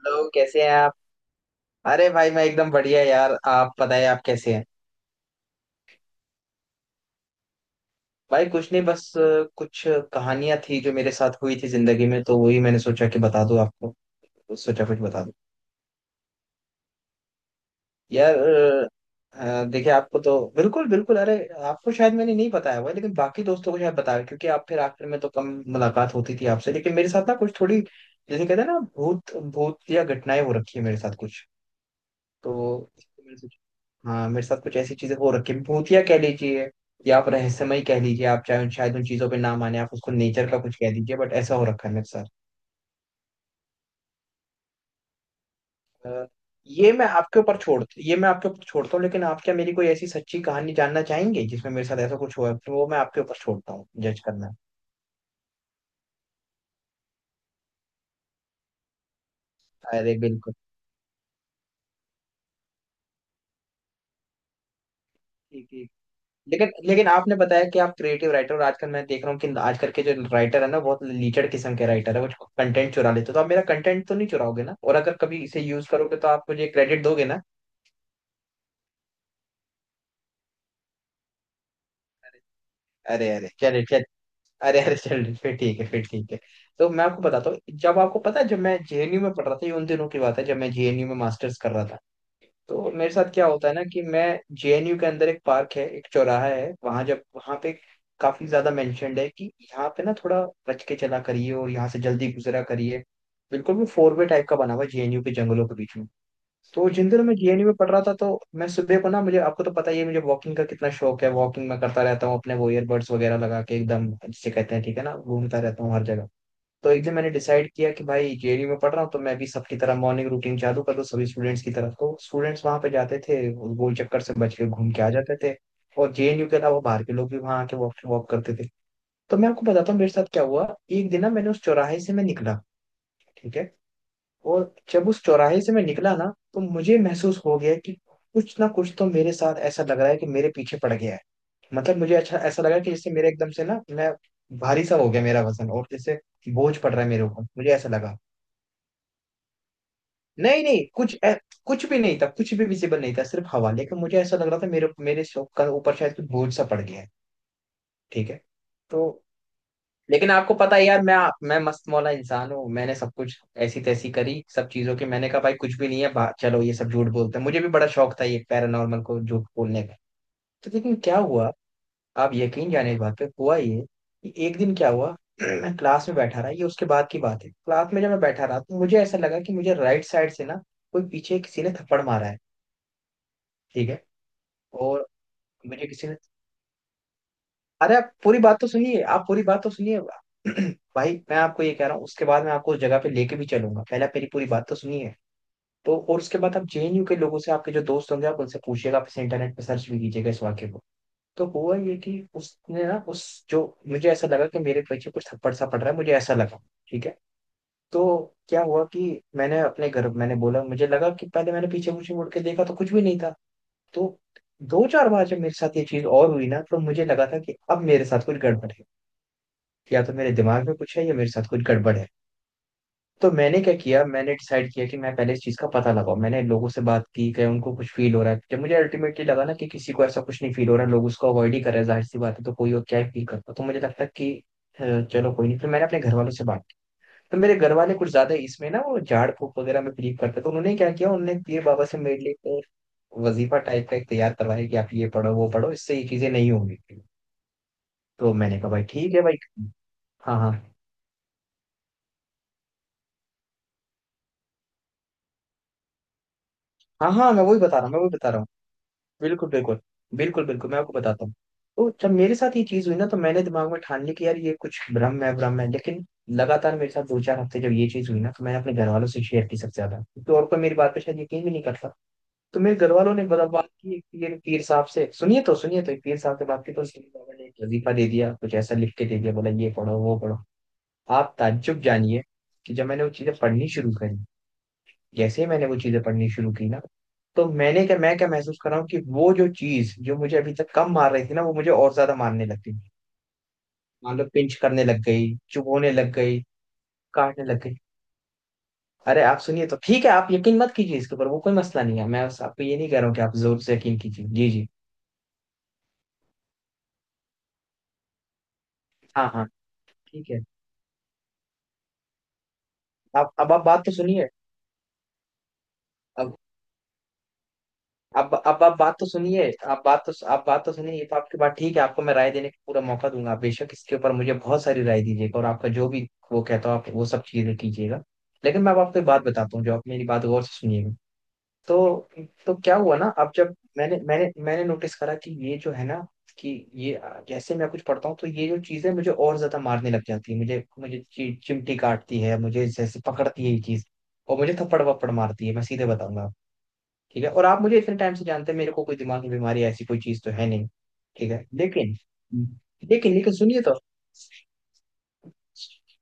Hello कैसे हैं आप। अरे भाई मैं एकदम बढ़िया यार, आप बताएं आप कैसे हैं। भाई कुछ नहीं बस कुछ कहानियां थी जो मेरे साथ हुई थी जिंदगी में, तो वही मैंने सोचा कि बता दूं आपको। तो सोचा कुछ बता दूं। यार देखिए आपको तो बिल्कुल बिल्कुल अरे आपको शायद मैंने नहीं बताया हुआ है, लेकिन बाकी दोस्तों को शायद बताया, क्योंकि आप फिर आखिर में तो कम मुलाकात होती थी आपसे, लेकिन मेरे साथ ना कुछ थोड़ी जैसे कहते हैं ना भूत भूत या घटनाएं हो रखी है मेरे साथ कुछ। तो हाँ, मेरे साथ कुछ ऐसी चीजें हो रखी हैं। भूतिया कह लीजिए या आप रहस्यमय कह लीजिए, आप चाहे शायद उन चीजों पे ना माने, आप उसको नेचर का कुछ कह दीजिए, बट ऐसा हो रखा है मेरे साथ। अ, ये मैं आपके ऊपर छोड़ता हूँ, लेकिन आप क्या मेरी कोई ऐसी सच्ची कहानी जानना चाहेंगे जिसमें मेरे साथ ऐसा कुछ हुआ है, तो वो मैं आपके ऊपर छोड़ता हूँ जज करना। अरे बिल्कुल। ठीक ठीक। लेकिन लेकिन आपने बताया कि आप क्रिएटिव राइटर, और आजकल मैं देख रहा हूँ कि आजकल के जो राइटर है ना बहुत लीचड़ किस्म के राइटर है, कुछ कंटेंट चुरा लेते हो, तो आप मेरा कंटेंट तो नहीं चुराओगे ना, और अगर कभी इसे यूज करोगे तो आप मुझे क्रेडिट दोगे ना। अरे अरे चले चल। अरे अरे चल फिर ठीक है फिर ठीक है। तो मैं आपको बताता हूँ, जब आपको पता है जब मैं जेएनयू में पढ़ रहा था, ये उन दिनों की बात है जब मैं जेएनयू में मास्टर्स कर रहा था। तो मेरे साथ क्या होता है ना कि मैं जेएनयू के अंदर एक पार्क है, एक चौराहा है, वहां जब वहां पे काफी ज्यादा मेंशनड है कि यहाँ पे ना थोड़ा बच के चला करिए और यहाँ से जल्दी गुजरा करिए। बिल्कुल भी फोर वे टाइप का बना हुआ है जेएनयू के जंगलों के बीच में। तो जिंदर मैं जेएनयू में पढ़ रहा था, तो मैं सुबह को ना, मुझे आपको तो पता ही है मुझे वॉकिंग का कितना शौक है, वॉकिंग मैं करता रहता हूँ अपने वो ईयरबड्स वगैरह लगा के एकदम जिसे कहते हैं, ठीक है ना, घूमता रहता हूँ हर जगह। तो एक दिन मैंने डिसाइड किया कि भाई जेएनयू में पढ़ रहा हूँ तो मैं भी सबकी तरह मॉर्निंग रूटीन चालू कर दूँ सभी स्टूडेंट्स की तरह। तो स्टूडेंट्स वहां पे जाते थे, वो गोल चक्कर से बच के घूम के आ जाते थे। और जेएनयू के अलावा बाहर के लोग भी वहां आके वॉक वॉक करते थे। तो मैं आपको बताता हूँ मेरे साथ क्या हुआ। एक दिन ना मैंने उस चौराहे से मैं निकला, ठीक है। और जब उस चौराहे से मैं निकला ना, तो मुझे महसूस हो गया कि कुछ ना कुछ तो मेरे साथ ऐसा लग रहा है कि मेरे पीछे पड़ गया है। मतलब मुझे अच्छा ऐसा लगा कि जैसे मेरे एकदम से ना मैं भारी सा हो गया मेरा वजन, और जैसे बोझ पड़ रहा है मेरे ऊपर, मुझे ऐसा लगा। नहीं नहीं, कुछ भी नहीं था, कुछ भी विजिबल नहीं था, सिर्फ हवा, लेकिन मुझे ऐसा लग रहा था मेरे मेरे सो- का ऊपर शायद कुछ बोझ सा पड़ गया है। ठीक है। तो लेकिन आपको पता है यार मैं मस्त मौला इंसान हूँ, मैंने सब कुछ ऐसी तैसी करी सब चीजों की, मैंने कहा भाई कुछ भी नहीं है, चलो ये सब झूठ बोलते हैं, मुझे भी बड़ा शौक था ये पैरानॉर्मल को झूठ बोलने का। तो लेकिन क्या हुआ, आप यकीन जाने इस बात पे, हुआ ये कि एक दिन क्या हुआ मैं क्लास में बैठा रहा, ये उसके बाद की बात है, क्लास में जब मैं बैठा रहा तो मुझे ऐसा लगा कि मुझे राइट साइड से ना कोई पीछे किसी ने थप्पड़ मारा है। ठीक है। और मुझे किसी ने अरे आप पूरी बात तो सुनिए, आप पूरी बात तो सुनिए। भाई मैं आपको ये कह रहा हूँ, उसके बाद मैं आपको उस जगह पे लेके भी चलूंगा, पहले आप मेरी पूरी बात तो सुनिए। तो और उसके बाद आप जेएनयू के लोगों से, आपके जो दोस्त होंगे आप उनसे पूछिएगा, आप इसे इंटरनेट पे सर्च भी कीजिएगा इस वाक्य को। तो हुआ ये कि उसने ना उस जो, मुझे ऐसा लगा कि मेरे पीछे कुछ थप्पड़ सा पड़ रहा है, मुझे ऐसा लगा। ठीक है। तो क्या हुआ कि मैंने अपने घर मैंने बोला, मुझे लगा कि पहले मैंने पीछे पीछे मुड़ के देखा तो कुछ भी नहीं था। तो दो चार बार जब मेरे साथ ये चीज और हुई ना, तो मुझे लगा था कि अब मेरे साथ कुछ गड़बड़ है, या तो मेरे दिमाग में कुछ है या मेरे साथ कुछ गड़बड़ है। तो मैंने क्या किया, मैंने डिसाइड किया कि मैं पहले इस चीज़ का पता लगाऊं। मैंने लोगों से बात की कि उनको कुछ फील हो रहा है। जब मुझे अल्टीमेटली लगा ना कि किसी को ऐसा कुछ नहीं फील हो रहा, लोग उसको अवॉइड ही कर रहे हैं, जाहिर सी बात है तो कोई और क्या ही फील करता, तो मुझे लगता कि अ, चलो कोई नहीं, फिर मैंने अपने घर वालों से बात की। तो मेरे घर वाले कुछ ज्यादा इसमें ना वो झाड़ फूक वगैरह में बिलीव करते, तो उन्होंने क्या किया, उन्होंने पीर बाबा से मेरे लिए एक वजीफा टाइप का एक तैयार करवाया कि आप ये पढ़ो वो पढ़ो इससे ये चीजें नहीं होंगी। तो मैंने कहा भाई ठीक है भाई। हाँ हाँ। हाँ मैं वही बता रहा हूँ, बिल्कुल बिल्कुल। बिल्कुल मैं आपको बताता हूँ। तो जब मेरे साथ ये चीज हुई ना, तो मैंने दिमाग में ठान ली कि यार ये कुछ भ्रम है भ्रम है, लेकिन लगातार मेरे साथ दो चार हफ्ते जब ये चीज हुई ना, तो मैंने अपने घर वालों से शेयर की सबसे ज्यादा, तो और कोई मेरी बात पे शायद यकीन भी नहीं करता। तो मेरे घर वालों ने बड़ा बात की एक पीर पीर साहब से, सुनिए तो सुनिए, तो एक पीर साहब से बात की, तो उसने बाबा ने एक वजीफा दे दिया, कुछ ऐसा लिख के दे दिया, बोला ये पढ़ो वो पढ़ो। आप ताज्जुब जानिए कि जब मैंने वो चीजें पढ़नी शुरू करी, जैसे ही मैंने वो चीजें पढ़नी शुरू की ना, तो मैं क्या महसूस कर रहा हूँ कि वो जो चीज जो मुझे अभी तक कम मार रही थी ना, वो मुझे और ज्यादा मारने लग गई। मान लो पिंच करने लग गई, चुभोने लग गई, काटने लग गई। अरे आप सुनिए तो, ठीक है आप यकीन मत कीजिए इसके ऊपर, वो कोई मसला नहीं है, मैं बस आपको ये नहीं कह रहा हूँ कि आप जोर से यकीन कीजिए। जी जी। हाँ हाँ। ठीक है। आप बात तो सुनिए। अब अब आप बात तो सुनिए, आप बात तो सुनिए, ये तो आपकी बात ठीक है, आपको मैं राय देने का पूरा मौका दूंगा, आप बेशक इसके ऊपर मुझे बहुत सारी राय दीजिएगा, और आपका जो भी वो कहता हो आप वो सब चीजें कीजिएगा। लेकिन मैं अब आपको एक बात बताता हूँ, जो आप मेरी बात गौर से सुनिएगा। तो तो क्या हुआ ना, अब जब मैंने मैंने मैंने नोटिस करा कि ये जो है ना कि ये जैसे मैं कुछ पढ़ता हूँ तो ये जो चीजें मुझे और ज्यादा मारने लग जाती है, मुझे मुझे चिमटी काटती है, मुझे जैसे पकड़ती है ये चीज, और मुझे थप्पड़ वप्पड़ मारती है, मैं सीधे बताऊंगा। ठीक है, और आप मुझे इतने टाइम से जानते हैं, मेरे को कोई दिमाग की बीमारी ऐसी कोई चीज तो है नहीं। ठीक है, लेकिन लेकिन लेकिन सुनिए तो,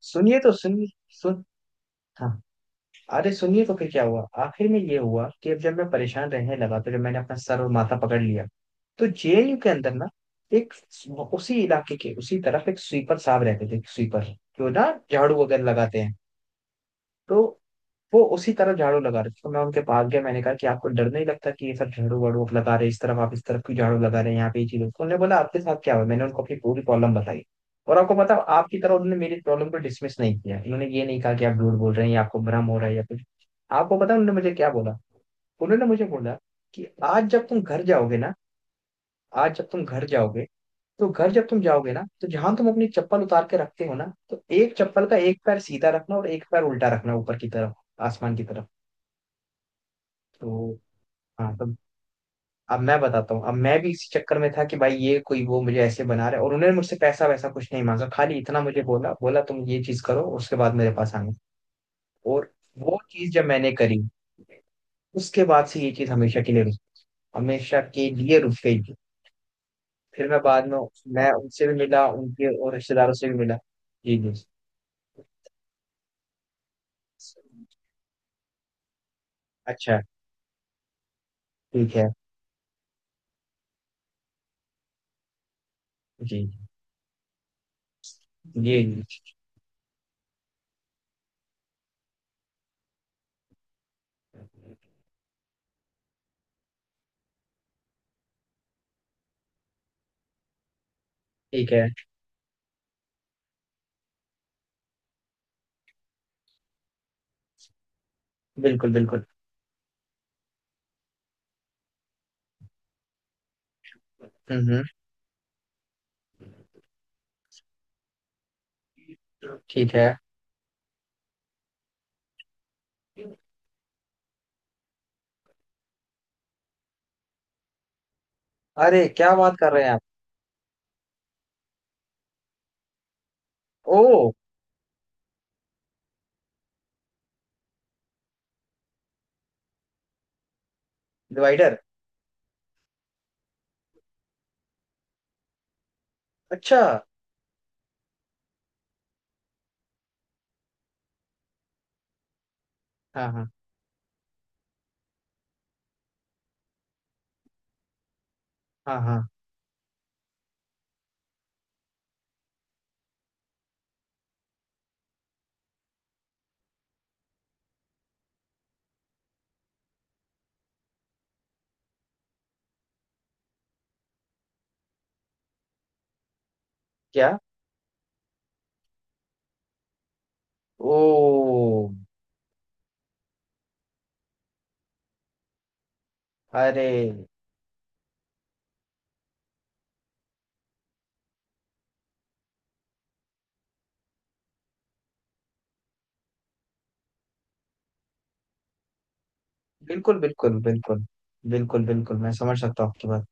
सुनिए तो सुनिए सुन। हाँ। अरे सुनिए तो, फिर क्या हुआ आखिर में, ये हुआ कि अब जब मैं परेशान रहने लगा, तो जब मैंने अपना सर और माथा पकड़ लिया, तो जेएनयू के अंदर ना एक उसी इलाके के उसी तरफ एक स्वीपर साहब रहते थे, स्वीपर जो ना झाड़ू वगैरह लगाते हैं। तो वो उसी तरफ झाड़ू लगा रहे थे, तो मैं उनके पास गया, मैंने कहा कि आपको डर नहीं लगता कि ये सब झाड़ू वाड़ू आप लगा रहे हैं, इस तरफ आप इस तरफ क्यों झाड़ू लगा रहे हैं, यहाँ पे ये चीज होती है?" उन्होंने बोला आपके साथ क्या हुआ, मैंने उनको अपनी पूरी प्रॉब्लम बताई। और आपको पता है, आपकी तरह उन्होंने मेरी प्रॉब्लम को डिसमिस नहीं किया, उन्होंने ये नहीं कहा कि आप झूठ बोल रहे हैं या आपको भ्रम हो रहा है या कुछ। आपको पता है उन्होंने मुझे क्या बोला, उन्होंने मुझे बोला कि आज जब तुम घर जाओगे ना, आज जब तुम घर जाओगे तो घर जब तुम जाओगे ना, तो जहां तुम अपनी चप्पल उतार के रखते हो ना, तो एक चप्पल का एक पैर सीधा रखना और एक पैर उल्टा रखना, ऊपर की तरफ, आसमान की तरफ। तो हाँ, तो अब मैं बताता हूँ, अब मैं भी इसी चक्कर में था कि भाई ये कोई वो मुझे ऐसे बना रहा है, और उन्होंने मुझसे पैसा वैसा कुछ नहीं मांगा, खाली इतना मुझे बोला, बोला तुम ये चीज करो उसके बाद मेरे पास आना। और वो चीज जब मैंने करी, उसके बाद से ये चीज हमेशा के लिए रुक गई थी। फिर मैं बाद में मैं उनसे भी मिला, उनके और रिश्तेदारों से भी मिला। जी जी। अच्छा। ठीक है। जी जी जी। ठीक है। बिल्कुल बिल्कुल। हम्म हम्म, ठीक है। अरे क्या बात कर रहे हैं आप। ओ। डिवाइडर। अच्छा। हाँ हाँ। हाँ हाँ। क्या। ओ। अरे बिल्कुल बिल्कुल। बिल्कुल बिल्कुल मैं समझ सकता हूँ आपकी बात।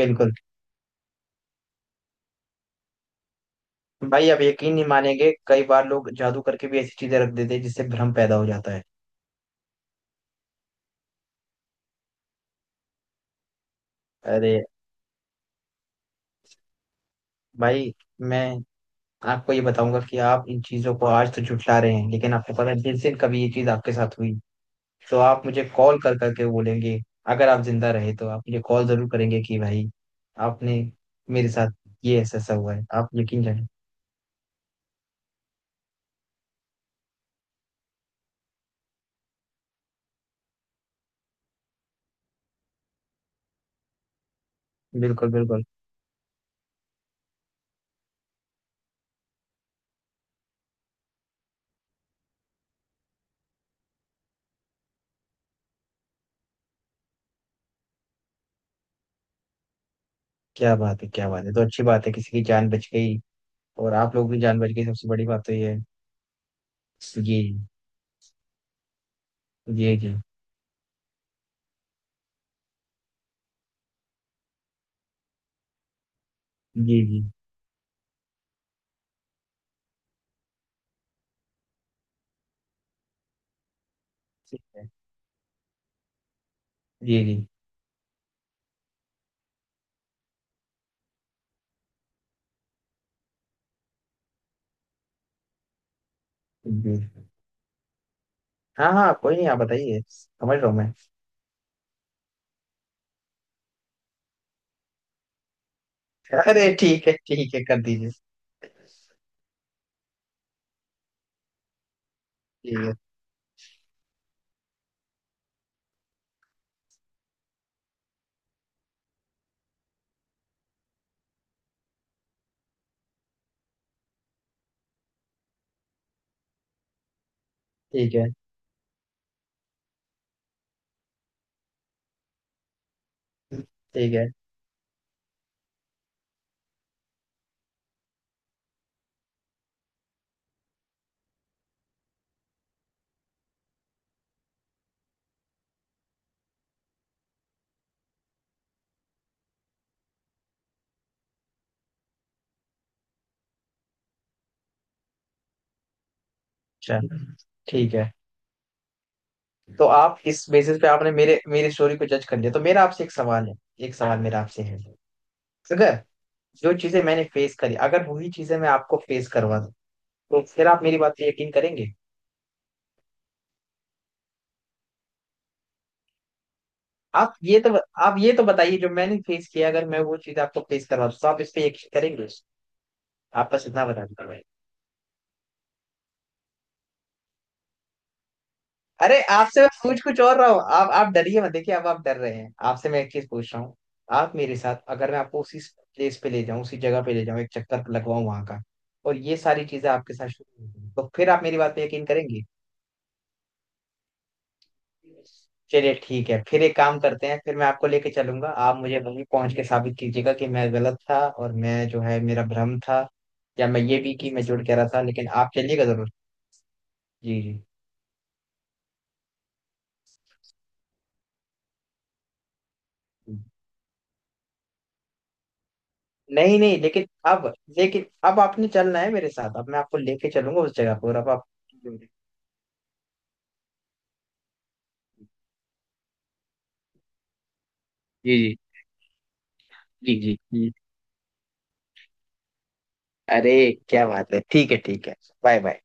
बिल्कुल। भाई आप यकीन नहीं मानेंगे, कई बार लोग जादू करके भी ऐसी चीजें रख देते हैं जिससे भ्रम पैदा हो जाता है। अरे भाई मैं आपको ये बताऊंगा कि आप इन चीजों को आज तो झुठला रहे हैं, लेकिन आपको पता है जिस दिन कभी ये चीज आपके साथ हुई, तो आप मुझे कॉल कर करके बोलेंगे। अगर आप जिंदा रहे तो आप मुझे कॉल जरूर करेंगे कि भाई आपने मेरे साथ ये ऐसा ऐसा हुआ है, आप यकीन जाने। बिल्कुल बिल्कुल। क्या बात है, क्या बात है, तो अच्छी बात है किसी की जान बच गई, और आप लोग भी जान बच गई, सबसे बड़ी बात तो ये है। जी जी जी जी। ठीक है। जी जी जी। हाँ हाँ, कोई नहीं आप बताइए, समझ रहा हूँ मैं। अरे ठीक है ठीक है, कर दीजिए। ठीक है ठीक है। ठीक है चल। ठीक है, तो आप इस बेसिस पे आपने मेरे मेरी स्टोरी को जज कर लिया, तो मेरा आपसे एक सवाल है। एक सवाल मेरा आपसे है। अगर जो चीजें मैंने फेस करी, अगर वही चीजें मैं आपको फेस करवा दूं, तो फिर आप मेरी बात पे यकीन करेंगे। आप ये तो आप ये तो बताइए, जो मैंने फेस किया अगर मैं वो चीज आपको फेस करवा दूं, तो आप इस पे यकीन करेंगे। आप बस इतना बता दीजिए। अरे आपसे मैं पूछ कुछ और रहा हूँ, आप डरिए मत, देखिए अब आप डर रहे हैं, आपसे मैं एक चीज पूछ रहा हूँ। आप मेरे साथ, अगर मैं आपको उसी जगह पे ले जाऊं, एक चक्कर लगवाऊं वहां का, और ये सारी चीजें आपके साथ शुरू होंगी, तो फिर आप मेरी बात पे यकीन करेंगे। चलिए ठीक है, फिर एक काम करते हैं, फिर मैं आपको लेके चलूंगा, आप मुझे वहीं पहुंच के साबित कीजिएगा कि मैं गलत था और मैं जो है मेरा भ्रम था, या मैं ये भी कि मैं जुड़ के रहा था, लेकिन आप चलिएगा जरूर। जी जी। नहीं नहीं लेकिन अब, आपने चलना है मेरे साथ, अब मैं आपको लेके चलूंगा उस जगह पर, अब आप। जी जी जी जी। अरे क्या बात है, ठीक है ठीक है। Bye bye.